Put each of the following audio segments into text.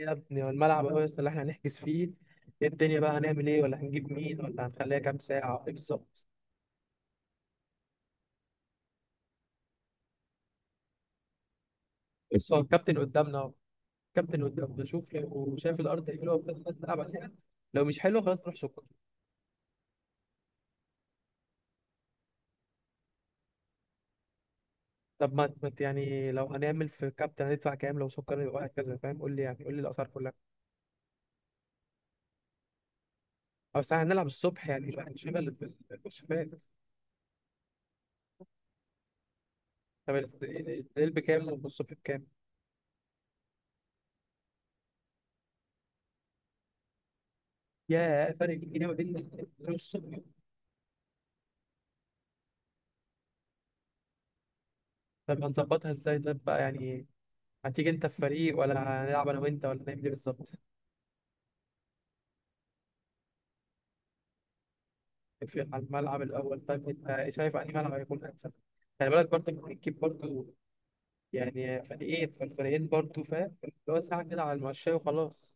يا ابني والملعب أهو يا اسطى اللي احنا هنحجز فيه. إيه الدنيا بقى؟ هنعمل ايه؟ ولا هنجيب مين؟ ولا هنخليها كام ساعة؟ ايه بالظبط؟ بص، هو الكابتن قدامنا اهو. الكابتن قدامنا، شوف لو شايف الأرض حلوة بس نلعب عليها. لو مش حلوة خلاص نروح سكر. طب يعني لو هنعمل في الكابتن هندفع كام؟ لو سكر يبقى وهكذا، فاهم؟ قول لي، يعني قول لي الأسعار كلها. أو ساعة هنلعب الصبح، يعني مش هنشغل في الشباب. طب الليل بكام والصبح بكام؟ ياه، فرق 100 جنيه ما بين الليل والصبح. طب هنظبطها ازاي طب بقى يعني؟ هتيجي انت في فريق ولا هنلعب انا وانت ولا نعمل ايه بالظبط؟ في على الملعب الاول، طيب انت شايف انهي ملعب هيكون احسن؟ خلي بالك برضه ممكن تجيب برضه يعني فريقين، فالفريقين برضه، فاهم؟ اللي هو ساعه كده على المشاية وخلاص.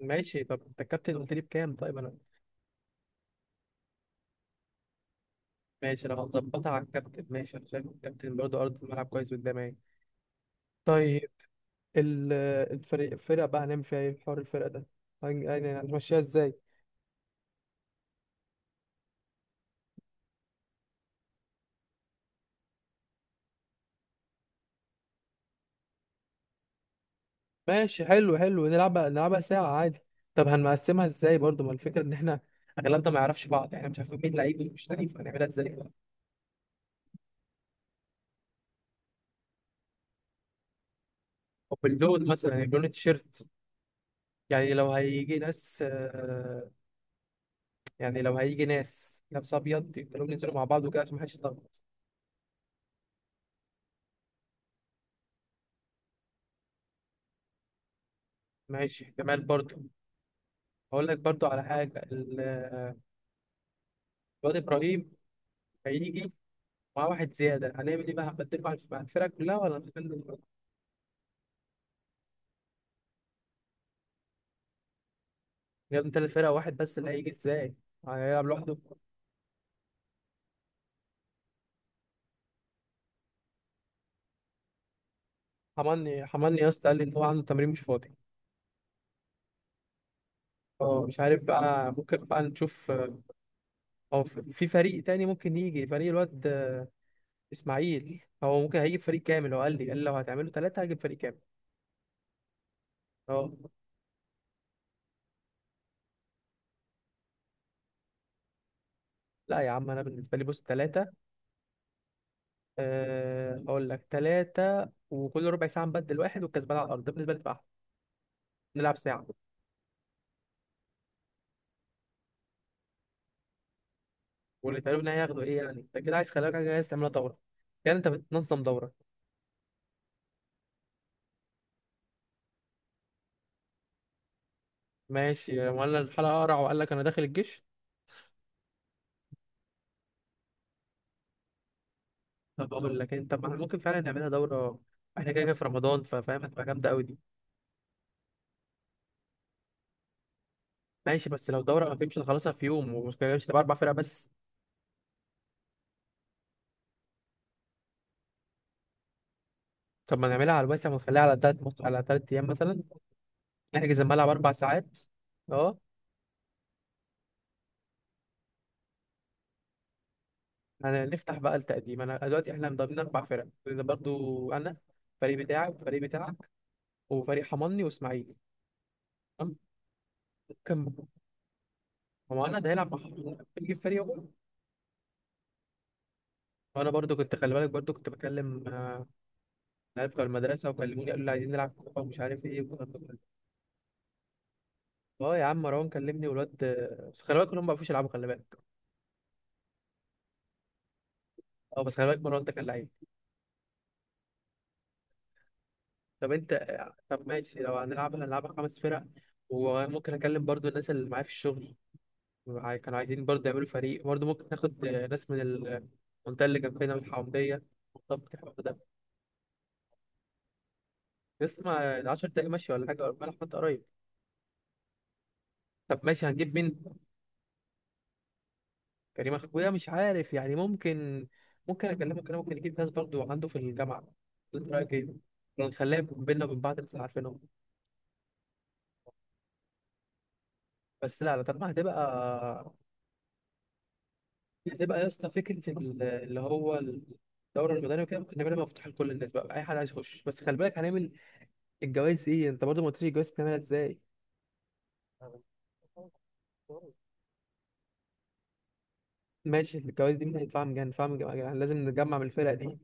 ماشي، طب انت الكابتن قلت لي بكام؟ طيب انا ماشي، لو هتظبطها على الكابتن ماشي، انا شايف الكابتن برضه ارض الملعب كويس قدامي. طيب، ال- الفريق، الفرقه بقى هنعمل فيها ايه؟ حوار الفرقه ده يعني هنمشيها ازاي؟ ماشي، حلو حلو، نلعبها نلعبها ساعة عادي. طب هنقسمها ازاي برضو؟ ما الفكرة ان احنا اغلبنا ما يعرفش بعض، احنا مش عارفين مين لعيب ومين مش لعيب، هنعملها ازاي؟ طب اللون مثلا، يعني لون التيشيرت، يعني لو هيجي ناس يعني لو هيجي ناس لابس ابيض يبقى لهم ينزلوا مع بعض وكده عشان محدش يتلخبط. ماشي جمال برضو. هقول لك برضو على حاجة، الواد ابراهيم هيجي مع واحد زيادة، هنعمل ايه بقى؟ هنبدله مع الفرقة كلها ولا هنخلي؟ يا ابني تلات فرق؟ واحد بس اللي هيجي ازاي؟ هيلعب لوحده. حملني يا اسطى قال لي ان هو عنده تمرين، مش فاضي. اه مش عارف بقى، ممكن بقى نشوف. اه، في فريق تاني ممكن يجي، فريق الواد اسماعيل هو ممكن هيجيب فريق كامل، هو قال لي لو هتعملوا ثلاثة هجيب فريق كامل. اه لا يا عم، انا بالنسبة لي بص ثلاثة، أه اقول لك ثلاثة وكل ربع ساعة نبدل واحد، والكسبان على الارض، ده بالنسبة لي بقى أحلى. نلعب ساعة. واللي تقريبا هياخدوا ايه يعني؟ انت كده عايز، خلي بالك، حاجة عايز تعملها دورة؟ يعني انت بتنظم دورة؟ ماشي، ولا الحلقة اقرع وقال لك انا داخل الجيش؟ طب اقول لك انت، ما إحنا ممكن فعلا نعملها دوره، احنا كده كده في رمضان، ففاهم، هتبقى جامده قوي دي. ماشي، بس لو دوره ما فهمش، نخلصها في يوم ومش كده، مش تبقى اربع فرق بس. طب ما نعملها على الواسع ونخليها على تلات على تلات ايام مثلا، نحجز الملعب اربع ساعات. اه. هنفتح بقى التقديم، انا دلوقتي احنا مضامنين اربع فرق، لان برضو انا، الفريق بتاعك والفريق بتاعك وفريق حماني واسماعيل، تمام؟ كم، هو انا ده هيلعب مع حماني هيجيب فريق واحد. وانا برضو كنت، خلي بالك، برضو كنت بكلم العيال بتوع المدرسه وكلموني قالوا لي عايزين نلعب كوره ومش عارف ايه والكلام ده كله. اه يا عم، مروان كلمني والواد، بس خلي بالك كلهم ما بيعرفوش يلعبوا، خلي بالك. اه بس خلي بالك مروان ده كان لعيب. طب انت، طب ماشي، لو هنلعبها هنلعبها خمس فرق، وممكن اكلم برضو الناس اللي معايا في الشغل، كانوا عايزين برضو يعملوا فريق، برضو ممكن ناخد ناس من المنطقه اللي جنبنا من الحومديه. طب الحوار ده لسه ما 10 دقايق، ماشي؟ ولا حاجه ولا حتى قريب. طب ماشي، هنجيب مين؟ كريم اخويا مش عارف يعني، ممكن، ممكن اكلمك، انا ممكن يجيب ناس برضو عنده في الجامعه. انت رايك ايه؟ نخليها بينا وبين بعض بس عارفينهم. بس لا طالما هتبقى، هتبقى يا اسطى فكره اللي هو الدورة المدنية وكده، ممكن نعملها مفتوحة لكل الناس بقى، أي حد عايز يخش. بس خلي بالك هنعمل الجواز. إيه أنت برضو ما قلتليش الجواز تعملها إزاي؟ ماشي، الجواز دي مين هيدفعها؟ من جهة ندفعها من جهة، يعني لازم نجمع من الفرق دي.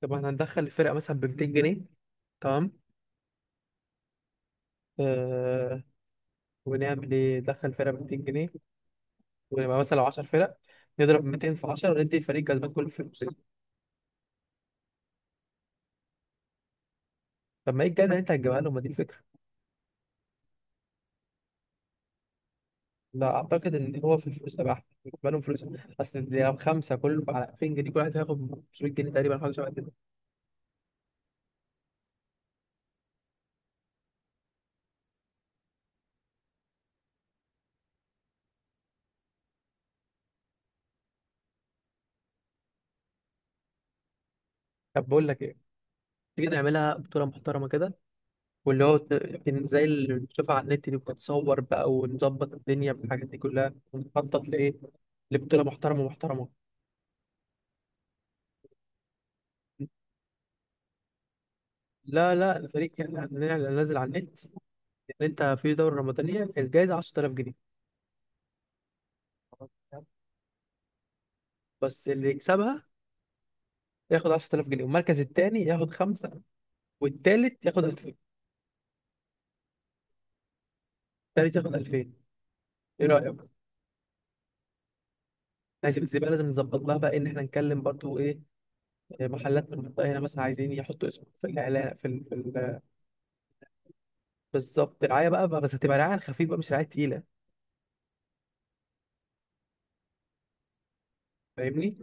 طب احنا هندخل الفرقة مثلا ب 200 جنيه، تمام؟ آه، ونعمل ايه؟ ندخل فرقه ب 200 جنيه ونبقى مثلا لو 10 فرق، نضرب 200 في 10 وندي الفريق الكسبان كله فلوس. طب ما ايه الجايزه اللي انت هتجيبها لهم؟ ما دي الفكره. لا، اعتقد ان هو في الفلوس تبع، بالنسبه لهم فلوس. اصل دي خمسه كل على 2000 جنيه، كل واحد هياخد 500 جنيه تقريبا، حاجه شبه كده. طب بقول لك ايه، تيجي نعملها بطوله محترمه كده، واللي هو يعني زي اللي بتشوفها على النت دي بتتصور بقى، ونظبط الدنيا بالحاجات دي كلها ونخطط لايه؟ لبطوله محترمه محترمه. لا الفريق يعني هننزل على النت اللي انت في دوره رمضانيه الجايزه 10000 جنيه، بس اللي يكسبها ياخد 10000 جنيه، والمركز الثاني ياخد خمسه، والثالث ياخد 2000. الثالث ياخد 2000. ايه رايك؟ ماشي، بس يبقى لازم نظبط لها بقى ان احنا نكلم برضو ايه، محلات من المنطقه هنا مثلا عايزين يحطوا اسمه في الاعلان بالظبط، رعايه بقى، بس هتبقى رعايه خفيفه بقى مش رعايه تقيله. فاهمني؟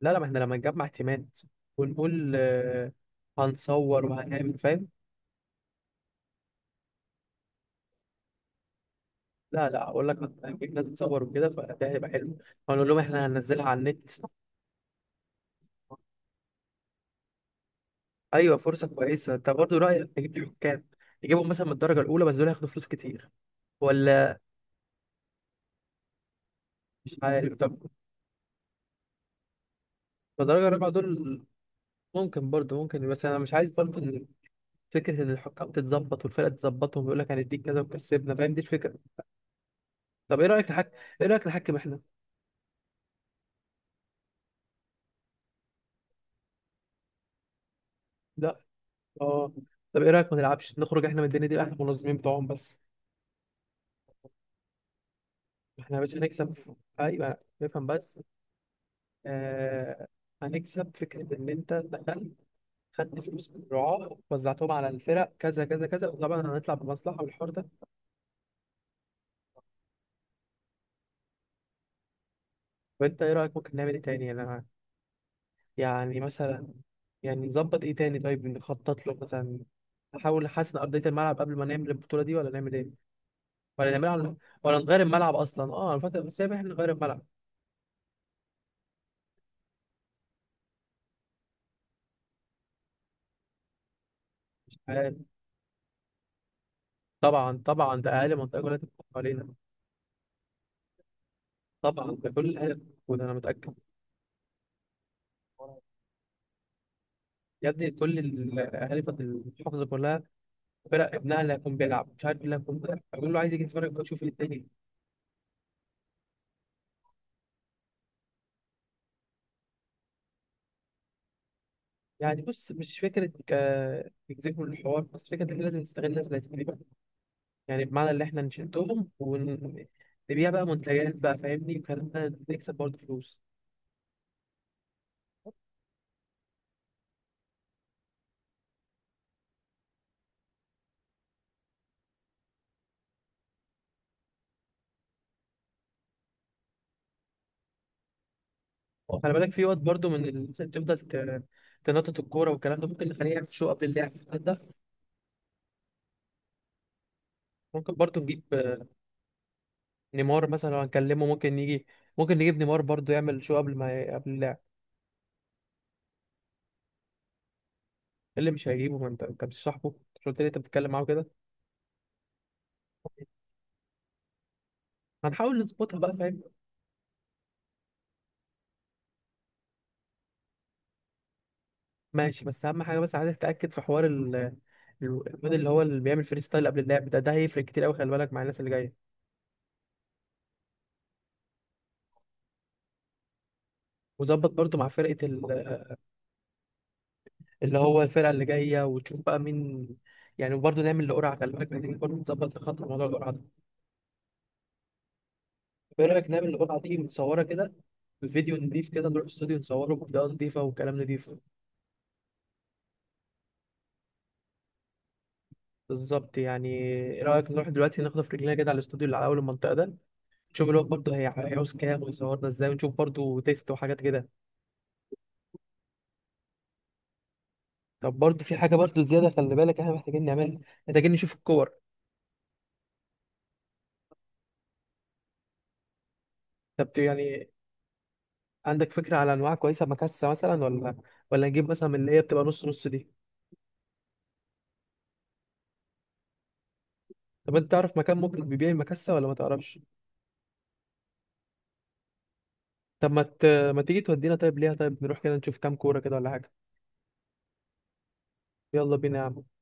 لا ما احنا لما نجمع تيمات ونقول هنصور وهنعمل، فاهم؟ لا اقول لك، هنجيب ناس تصور وكده فده هيبقى حلو، هنقول لهم احنا هننزلها على النت. ايوه فرصه كويسه. انت برضه رايك نجيب لي حكام؟ نجيبهم مثلا من الدرجه الاولى، بس دول هياخدوا فلوس كتير. ولا مش عارف، طب الدرجه الرابعه دول ممكن برضه، ممكن. بس انا مش عايز برضه إن، فكره ان الحكام تتظبط والفرقه تتظبطهم ويقول لك هنديك كذا وكسبنا، فاهم، دي الفكره. طب ايه رايك ايه رايك نحكم احنا؟ لا. اه. طب ايه رايك ما نلعبش، نخرج احنا من الدنيا دي، احنا المنظمين بتوعهم بس. احنا يا باشا هنكسب، ايوه نفهم بس. آه، هنكسب فكرة إن أنت دخلت، خدت فلوس من الرعاة وزعتهم على الفرق كذا كذا كذا، وطبعا هنطلع بمصلحة، والحوار ده. وأنت إيه رأيك؟ ممكن نعمل إيه تاني أنا؟ يعني مثلا، يعني نظبط إيه تاني؟ طيب نخطط له مثلا، نحاول نحسن أرضية الملعب قبل ما نعمل البطولة دي ولا نعمل إيه؟ ولا نعملها على... ولا نغير الملعب أصلا؟ أه أنا فاكر، بس إحنا نغير الملعب. مش عارف. طبعا طبعا، ده أقل منطقة كلها تتفق علينا. طبعا، ده كل الأهلي موجود، أنا متأكد. يا ابني كل الأهالي في المحافظة كلها فرق ابنها اللي هيكون بيلعب مش عارف إيه اللي هيكون بيلعب بقول له عايز يجي يتفرج بقى يشوف الدنيا. يعني بص، مش فكرة نجذبهم للحوار بس، فكرة إن إحنا لازم نستغل الناس اللي هتجيلنا. يعني بمعنى اللي إحنا نشدهم ونبيع بقى منتجات بقى، فاهمني، وكلامنا نكسب برضه فلوس. وخلي بالك في وقت برضه من الناس اللي بتفضل تنطط الكورة والكلام ده، ممكن نخليه يعمل شو قبل اللعب ده. ممكن برضه نجيب نيمار مثلا، لو هنكلمه ممكن يجي. ممكن نجيب نيمار برضه يعمل شو قبل اللعب. إيه اللي مش هيجيبه؟ ما انت، انت مش صاحبه؟ مش قلت لي انت بتتكلم معاه كده؟ هنحاول نظبطها بقى، فاهم. ماشي، بس اهم حاجه بس عايز اتاكد في حوار الواد اللي هو اللي بيعمل فري ستايل قبل اللعب ده، ده هيفرق كتير قوي، خلي بالك مع الناس اللي جايه. وظبط برضو مع فرقه اللي هو الفرقه اللي جايه وتشوف بقى مين. يعني وبرضه نعمل القرعه، خلي بالك محتاجين برضه نظبط خط موضوع القرعه ده. ايه رايك نعمل القرعه دي متصوره كده بفيديو نضيف كده، نروح استوديو نصوره بإضاءة نضيفة وكلام نضيف؟ بالظبط. يعني ايه رأيك نروح دلوقتي ناخد في رجلينا كده على الاستوديو اللي على أول المنطقة ده، نشوف الوقت برضه هيعوز كام ويصورنا ازاي، ونشوف برضه تيست وحاجات كده. طب برضه في حاجة برضه زيادة خلي بالك احنا محتاجين نعملها، محتاجين نشوف الكور. طب يعني عندك فكرة على أنواع كويسة مكسة مثلا، ولا ولا نجيب مثلا من اللي هي بتبقى نص نص دي؟ طب أنت تعرف مكان ممكن بيبيع المكسة ولا ما تعرفش؟ طب ما تيجي تودينا طيب ليها، طيب نروح كده نشوف كام كورة كده ولا حاجة؟ يلا بينا يا عم.